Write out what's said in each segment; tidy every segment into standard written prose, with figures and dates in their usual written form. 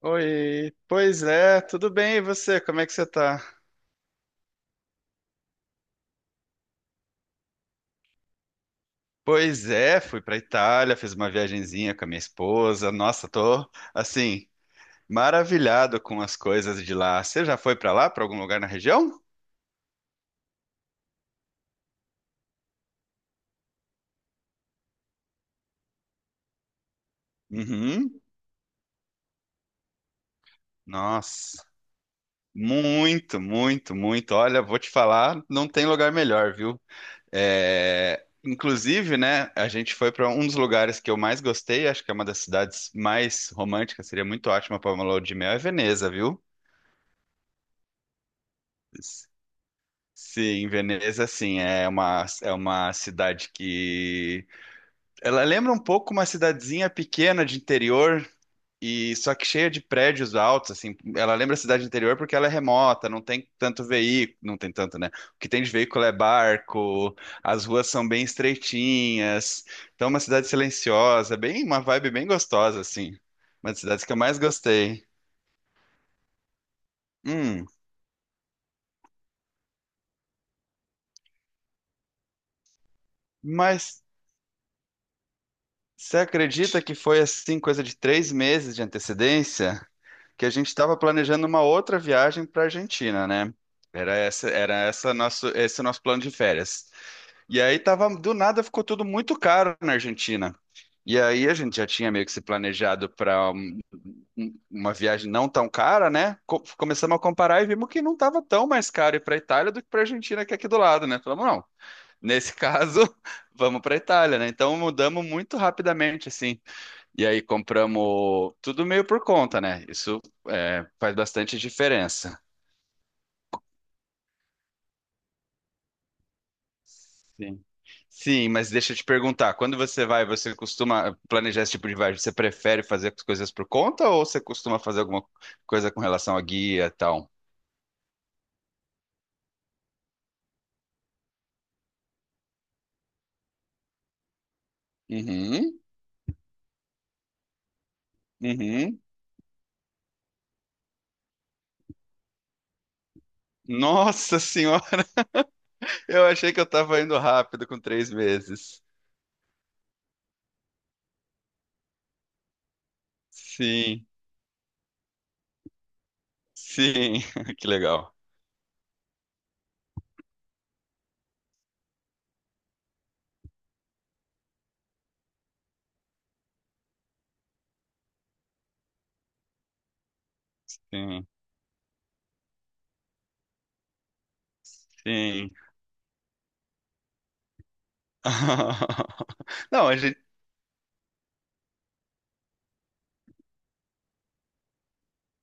Oi, pois é, tudo bem, e você? Como é que você tá? Pois é, fui pra Itália, fiz uma viagenzinha com a minha esposa. Nossa, tô assim, maravilhado com as coisas de lá. Você já foi pra lá, pra algum lugar na região? Uhum. Nossa, muito, muito, muito. Olha, vou te falar, não tem lugar melhor, viu? É, inclusive, né, a gente foi para um dos lugares que eu mais gostei, acho que é uma das cidades mais românticas, seria muito ótima para uma lua de mel, é Veneza, viu? Sim, Veneza, sim, é uma cidade que... Ela lembra um pouco uma cidadezinha pequena de interior, e só que cheia de prédios altos, assim. Ela lembra a cidade de interior porque ela é remota, não tem tanto veículo, não tem tanto, né? O que tem de veículo é barco, as ruas são bem estreitinhas, então é uma cidade silenciosa, bem uma vibe bem gostosa, assim. Uma das cidades que eu mais gostei. Hum, mas... Você acredita que foi assim, coisa de três meses de antecedência? Que a gente estava planejando uma outra viagem para a Argentina, né? Esse nosso plano de férias. E aí tava, do nada ficou tudo muito caro na Argentina. E aí a gente já tinha meio que se planejado para uma viagem não tão cara, né? Começamos a comparar e vimos que não estava tão mais caro ir para a Itália do que para a Argentina, que é aqui do lado, né? Falamos, não, nesse caso, vamos para a Itália, né? Então mudamos muito rapidamente, assim. E aí compramos tudo meio por conta, né? Isso é, faz bastante diferença. Sim. Sim, mas deixa eu te perguntar, quando você vai, você costuma planejar esse tipo de viagem? Você prefere fazer as coisas por conta ou você costuma fazer alguma coisa com relação a guia e tal? Uhum, uhum. Nossa senhora, eu achei que eu tava indo rápido com três meses. Sim, sim, que legal. Sim, sim. Não, a gente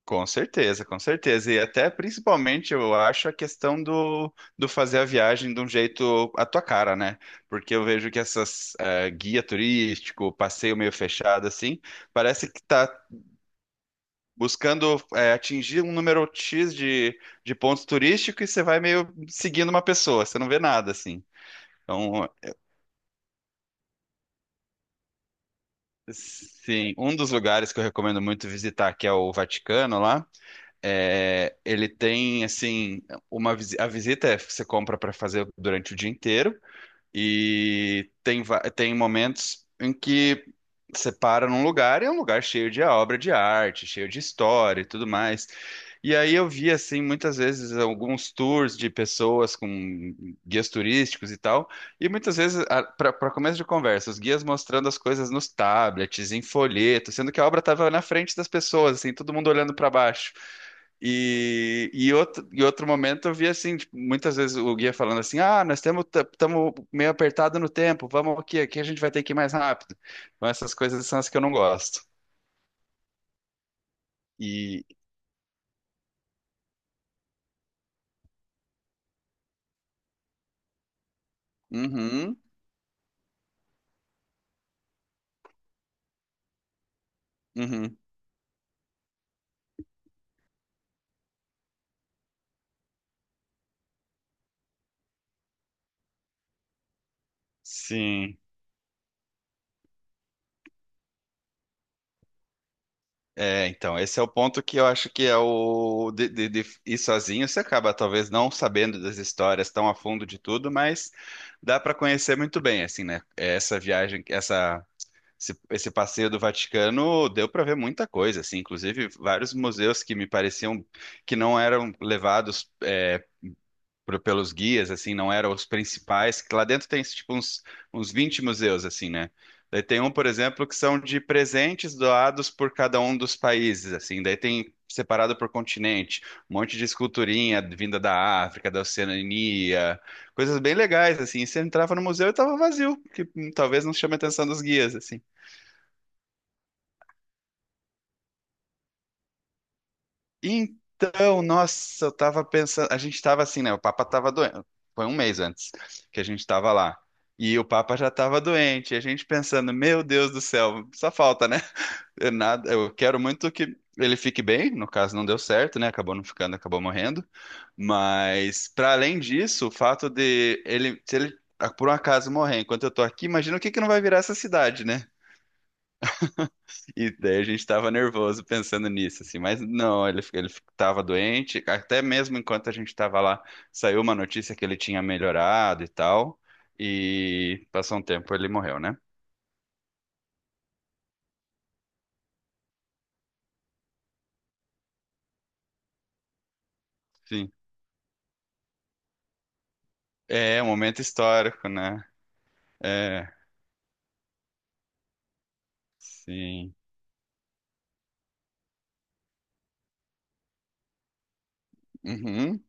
com certeza, com certeza. E até principalmente eu acho a questão do, do fazer a viagem de um jeito à tua cara, né? Porque eu vejo que essas guia turístico, passeio meio fechado, assim, parece que tá buscando atingir um número X de pontos turísticos e você vai meio seguindo uma pessoa, você não vê nada, assim. Então, sim, um dos lugares que eu recomendo muito visitar, que é o Vaticano lá. É, ele tem assim a visita é que você compra para fazer durante o dia inteiro e tem momentos em que você para num lugar e é um lugar cheio de obra de arte, cheio de história e tudo mais. E aí eu vi assim muitas vezes alguns tours de pessoas com guias turísticos e tal, e muitas vezes para começo de conversa, os guias mostrando as coisas nos tablets, em folheto, sendo que a obra estava na frente das pessoas, assim, todo mundo olhando para baixo. E outro momento eu vi assim, tipo, muitas vezes o guia falando assim, ah, nós temos estamos meio apertado no tempo, vamos aqui, aqui a gente vai ter que ir mais rápido. Então essas coisas são as que eu não gosto. E uhum, uhum, sim. É, então, esse é o ponto que eu acho que é o de ir sozinho, você acaba talvez não sabendo das histórias tão a fundo de tudo, mas dá para conhecer muito bem, assim, né? É, essa viagem, essa, esse passeio do Vaticano deu para ver muita coisa, assim, inclusive vários museus que me pareciam que não eram levados pelos guias, assim, não eram os principais, que lá dentro tem tipo uns 20 museus, assim, né? Daí tem um, por exemplo, que são de presentes doados por cada um dos países, assim, daí tem separado por continente, um monte de esculturinha vinda da África, da Oceania, coisas bem legais, assim, e você entrava no museu e tava vazio, que talvez não chame a atenção dos guias, assim. Então, nossa, eu tava pensando, a gente tava assim, né? O Papa tava doente, foi um mês antes que a gente tava lá. E o Papa já tava doente, e a gente pensando, meu Deus do céu, só falta, né? Eu, nada, eu quero muito que ele fique bem, no caso não deu certo, né? Acabou não ficando, acabou morrendo. Mas para além disso, o fato de ele, se ele ah, por um acaso morrer enquanto eu tô aqui, imagina o que que não vai virar essa cidade, né? E daí a gente tava nervoso pensando nisso, assim, mas não, ele tava doente, até mesmo enquanto a gente tava lá, saiu uma notícia que ele tinha melhorado e tal, e passou um tempo ele morreu, né? Sim. É um momento histórico, né? É, sim. Uhum.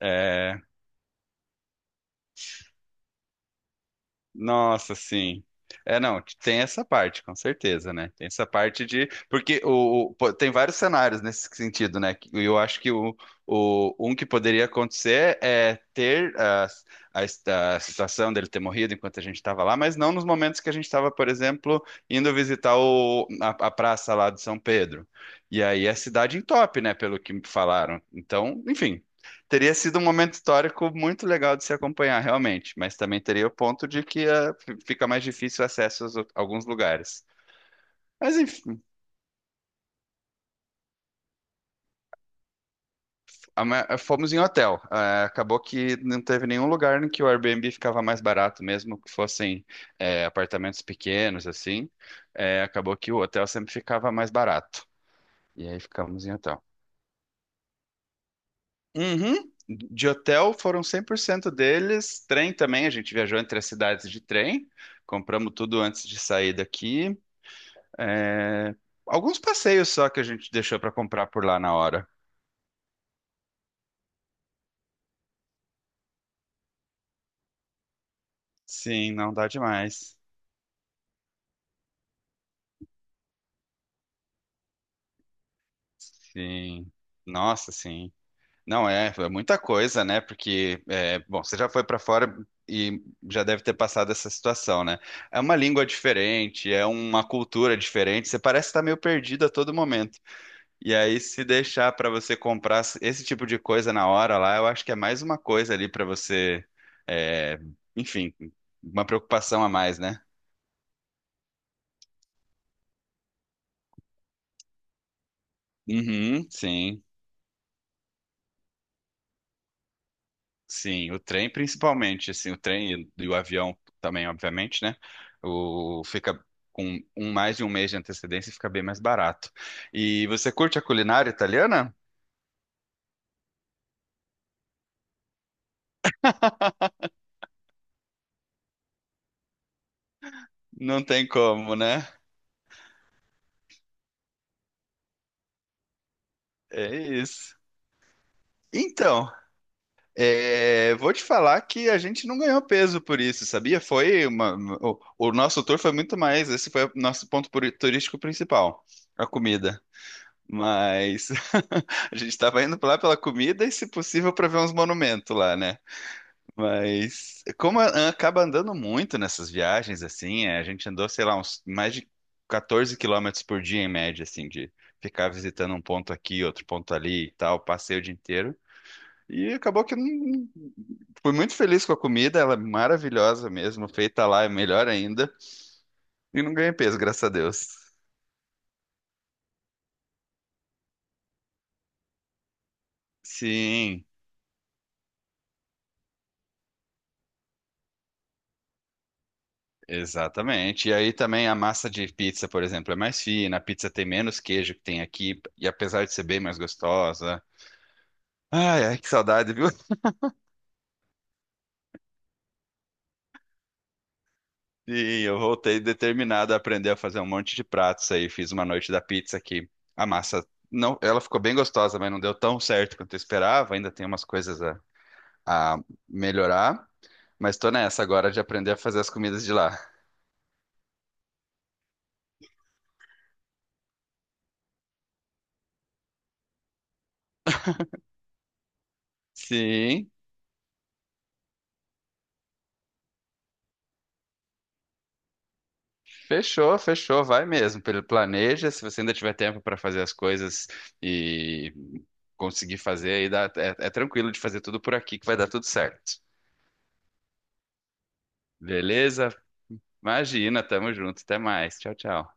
É, nossa, sim. É, não, tem essa parte, com certeza, né? Tem essa parte de. Porque pô, tem vários cenários nesse sentido, né? E eu acho que um que poderia acontecer é ter a situação dele ter morrido enquanto a gente estava lá, mas não nos momentos que a gente estava, por exemplo, indo visitar a praça lá de São Pedro. E aí a cidade entope, né? Pelo que me falaram. Então, enfim. Teria sido um momento histórico muito legal de se acompanhar, realmente, mas também teria o ponto de que fica mais difícil o acesso a alguns lugares. Mas enfim, fomos em hotel. Acabou que não teve nenhum lugar em que o Airbnb ficava mais barato, mesmo que fossem apartamentos pequenos, assim. Acabou que o hotel sempre ficava mais barato. E aí ficamos em hotel. Uhum. De hotel foram 100% deles. Trem também, a gente viajou entre as cidades de trem. Compramos tudo antes de sair daqui. É, alguns passeios só que a gente deixou pra comprar por lá na hora. Sim, não dá demais. Sim. Nossa, sim. Não é, é muita coisa, né? Porque, é, bom, você já foi pra fora e já deve ter passado essa situação, né? É uma língua diferente, é uma cultura diferente, você parece estar meio perdido a todo momento. E aí, se deixar pra você comprar esse tipo de coisa na hora lá, eu acho que é mais uma coisa ali pra você, é, enfim, uma preocupação a mais, né? Uhum, sim, sim, o trem principalmente, assim, o trem e o avião também, obviamente, né? O fica com um, mais de um mês de antecedência e fica bem mais barato. E você curte a culinária italiana? Não tem como, né? É isso. Então, é, vou te falar que a gente não ganhou peso por isso, sabia? Foi uma, o nosso tour foi muito mais, esse foi o nosso ponto turístico principal, a comida. Mas a gente estava indo lá pela comida e, se possível, para ver uns monumentos lá, né? Mas como acaba andando muito nessas viagens, assim, é, a gente andou, sei lá, uns mais de 14 quilômetros por dia em média, assim, de ficar visitando um ponto aqui, outro ponto ali e tal, passei o dia inteiro. E acabou que eu não... fui muito feliz com a comida, ela é maravilhosa mesmo, feita lá é melhor ainda. E não ganhei peso, graças a Deus. Sim. Exatamente. E aí também a massa de pizza, por exemplo, é mais fina, a pizza tem menos queijo que tem aqui, e apesar de ser bem mais gostosa. Ai, ai, que saudade, viu? E eu voltei determinado a aprender a fazer um monte de pratos aí. Fiz uma noite da pizza que a massa não, ela ficou bem gostosa, mas não deu tão certo quanto eu esperava. Ainda tem umas coisas a melhorar, mas tô nessa agora de aprender a fazer as comidas de lá. Sim, fechou, fechou, vai mesmo. Pelo- planeja, se você ainda tiver tempo para fazer as coisas e conseguir fazer, aí dá, é, é tranquilo de fazer tudo por aqui que vai dar tudo certo. Beleza? Imagina, tamo junto, até mais. Tchau, tchau.